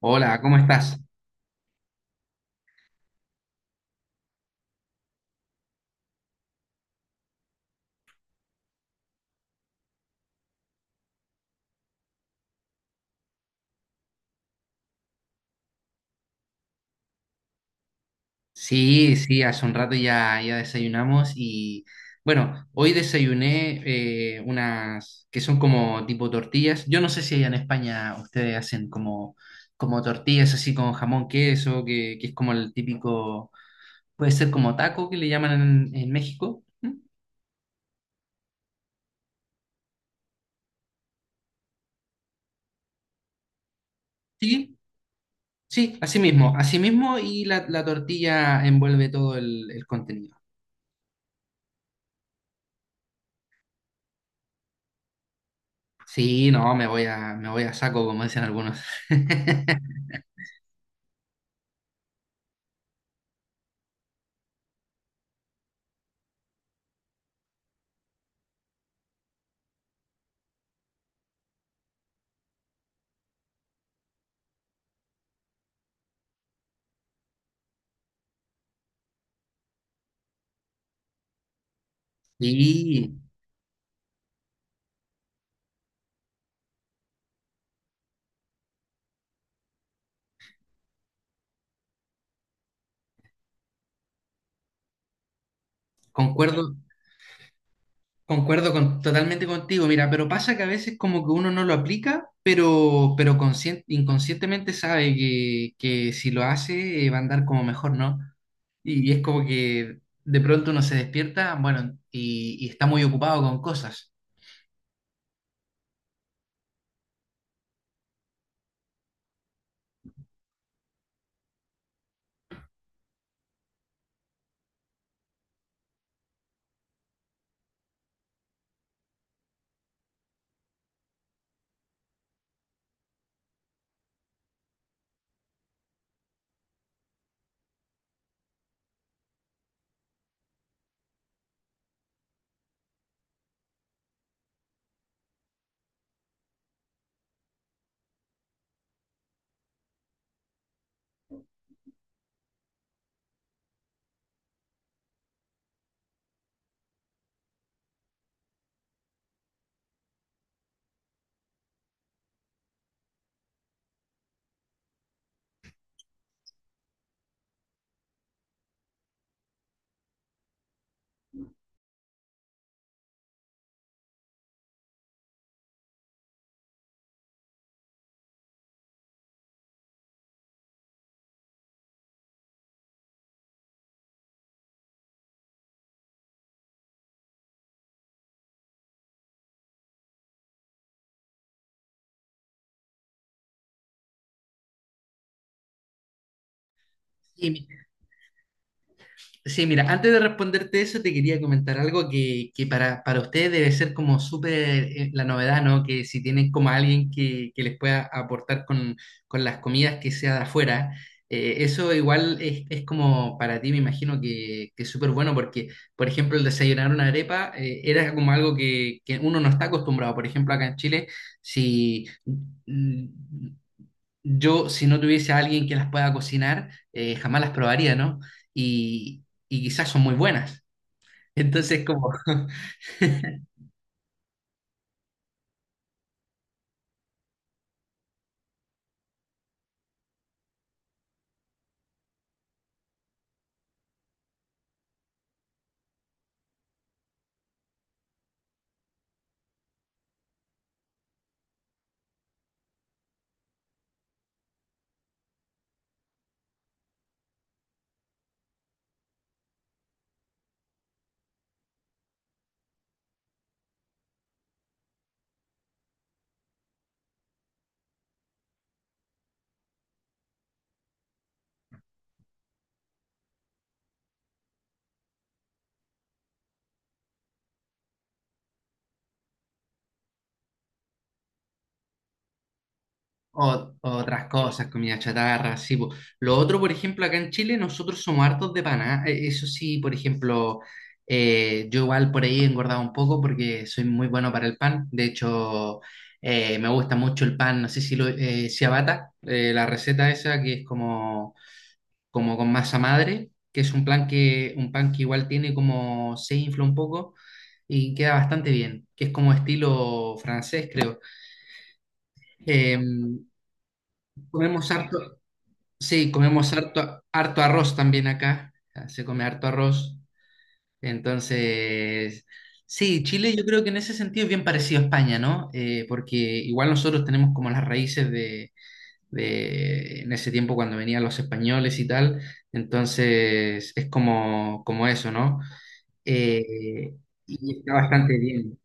Hola, ¿cómo estás? Sí, sí, hace un rato ya, ya desayunamos y bueno, hoy desayuné unas que son como tipo tortillas. Yo no sé si allá en España ustedes hacen como, como tortillas así con jamón, queso, que es como el típico, puede ser como taco que le llaman en México. ¿Mm? Sí, sí, así mismo y la tortilla envuelve todo el contenido. Sí, no, me voy a saco, como dicen algunos. Sí. Concuerdo, totalmente contigo, mira, pero pasa que a veces como que uno no lo aplica, pero inconscientemente sabe que si lo hace va a andar como mejor, ¿no? Y es como que de pronto uno se despierta, bueno, y está muy ocupado con cosas. Sí, mira, antes de responderte eso, te quería comentar algo que para ustedes debe ser como súper la novedad, ¿no? Que si tienen como alguien que les pueda aportar con las comidas que sea de afuera, eso igual es como para ti, me imagino que es súper bueno porque, por ejemplo, el desayunar una arepa era como algo que uno no está acostumbrado. Por ejemplo, acá en Chile, si yo, si no tuviese a alguien que las pueda cocinar, jamás las probaría, ¿no? Y quizás son muy buenas. Entonces, como otras cosas, comida chatarra, sí. Po. Lo otro, por ejemplo, acá en Chile, nosotros somos hartos de paná. Eso sí, por ejemplo, yo igual por ahí he engordado un poco porque soy muy bueno para el pan. De hecho, me gusta mucho el pan, no sé si lo, ciabatta, la receta esa que es como como con masa madre, que es un plan que, un pan que igual tiene como se infla un poco y queda bastante bien, que es como estilo francés, creo. Eh, comemos harto, sí, comemos harto, harto arroz también acá. Ah, se come harto arroz, entonces... Sí, Chile yo creo que en ese sentido es bien parecido a España, ¿no? Porque igual nosotros tenemos como las raíces de en ese tiempo cuando venían los españoles y tal. Entonces es como, como eso, ¿no? Eh, y está bastante bien.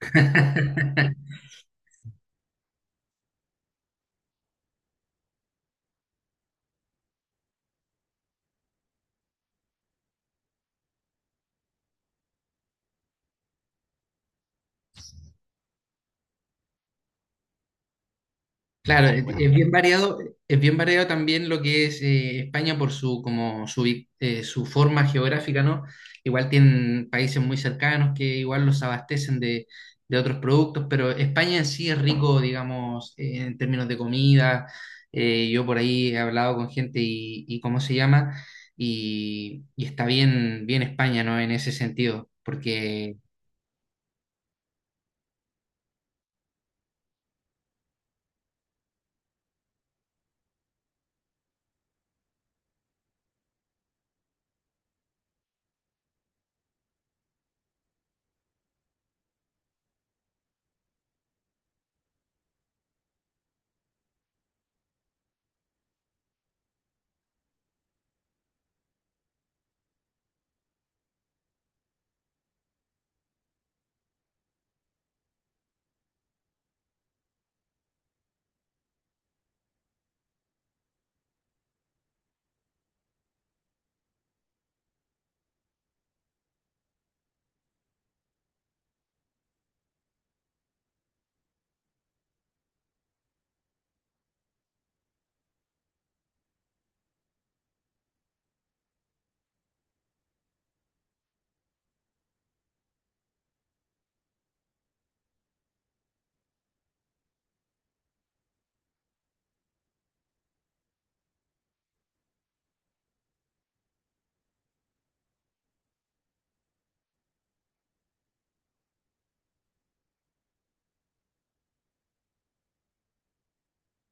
Claro, es bien variado también lo que es España por su como su, su forma geográfica, ¿no? Igual tienen países muy cercanos que igual los abastecen de otros productos, pero España en sí es rico, digamos, en términos de comida. Yo por ahí he hablado con gente y cómo se llama, y está bien, bien España, ¿no? En ese sentido, porque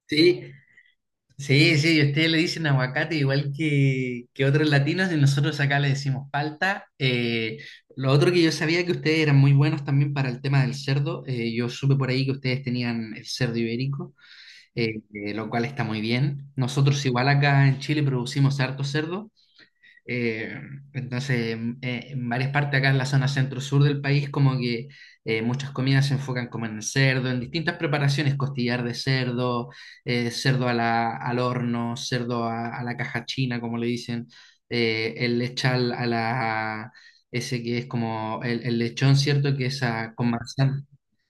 sí. Sí, sí, y ustedes le dicen aguacate igual que otros latinos y nosotros acá le decimos palta. Lo otro que yo sabía que ustedes eran muy buenos también para el tema del cerdo. Yo supe por ahí que ustedes tenían el cerdo ibérico, lo cual está muy bien. Nosotros igual acá en Chile producimos harto cerdo. Eh, entonces, en varias partes acá en la zona centro-sur del país, como que muchas comidas se enfocan como en el cerdo, en distintas preparaciones, costillar de cerdo, al horno, a la caja china, como le dicen, el lechal a la, ese que es como el lechón, ¿cierto? Que es con manzana.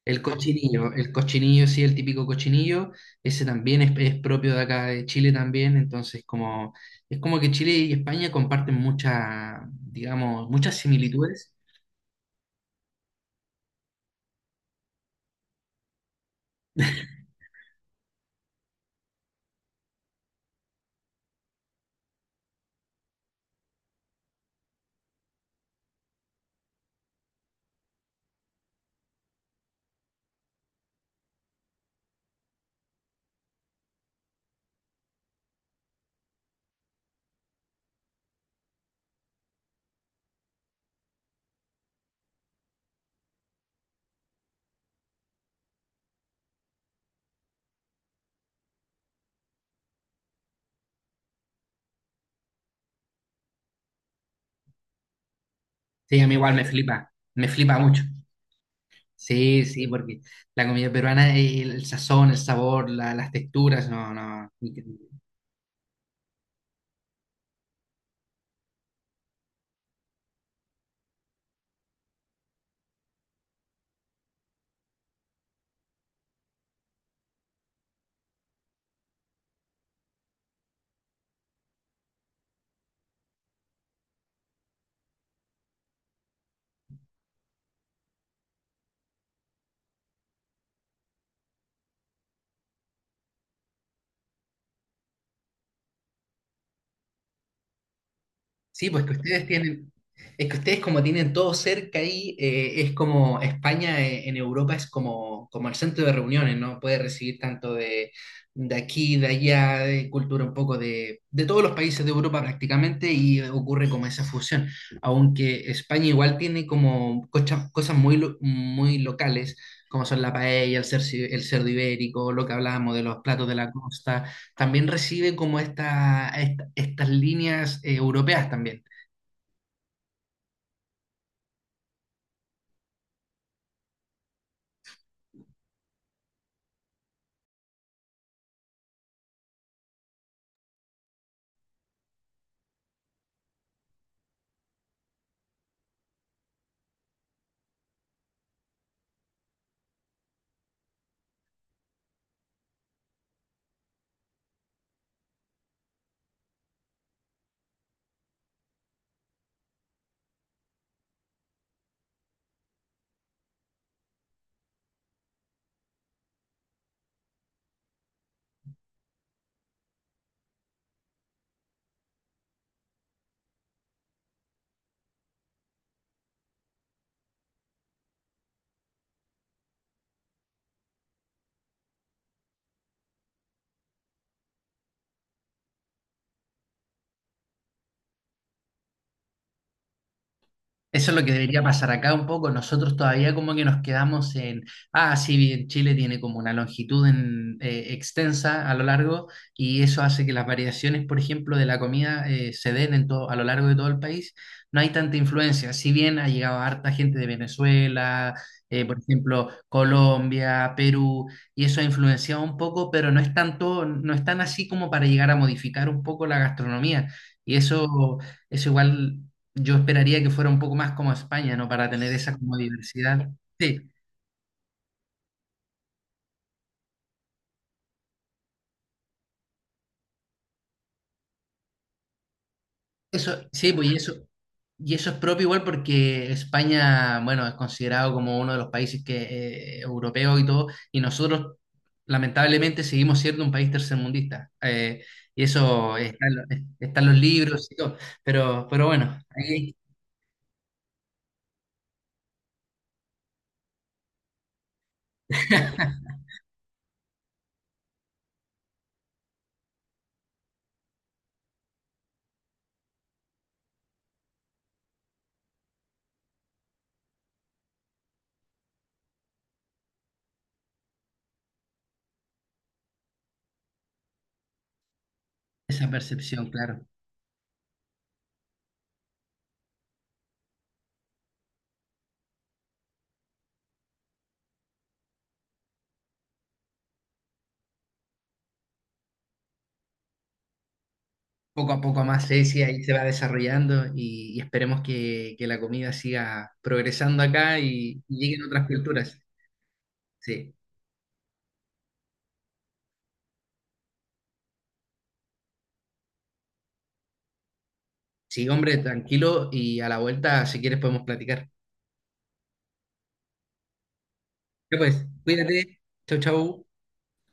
El cochinillo, sí, el típico cochinillo, ese también es propio de acá de Chile también, entonces como es como que Chile y España comparten muchas, digamos, muchas similitudes. Sí, a mí igual me flipa mucho. Sí, sí, porque la comida peruana, el sazón, el sabor, las texturas, no, no. Sí, pues que ustedes tienen, es que ustedes como tienen todo cerca ahí, es como España en Europa es como, como el centro de reuniones, ¿no? Puede recibir tanto de aquí, de allá, de cultura un poco de todos los países de Europa prácticamente y ocurre como esa fusión. Aunque España igual tiene como cosas muy, muy locales, como son la paella, el cerdo ibérico, lo que hablábamos de los platos de la costa también recibe como esta, estas líneas europeas también. Eso es lo que debería pasar acá un poco. Nosotros todavía como que nos quedamos en, ah, sí, bien, Chile tiene como una longitud extensa a lo largo y eso hace que las variaciones, por ejemplo, de la comida se den en todo, a lo largo de todo el país. No hay tanta influencia, si bien ha llegado harta gente de Venezuela, por ejemplo, Colombia, Perú, y eso ha influenciado un poco, pero no es tanto, no es tan así como para llegar a modificar un poco la gastronomía. Y eso... Eso igual yo esperaría que fuera un poco más como España, ¿no? Para tener esa como diversidad. Sí, eso, sí, pues y eso es propio igual porque España, bueno, es considerado como uno de los países que, europeos y todo, y nosotros lamentablemente seguimos siendo un país tercermundista. Y eso está en, está en los libros y todo, pero bueno, ahí esa percepción, claro. Poco a poco más Ceci ahí se va desarrollando y esperemos que la comida siga progresando acá y lleguen otras culturas. Sí, sí, hombre, tranquilo y a la vuelta, si quieres, podemos platicar. Ya pues, cuídate, chau, chau.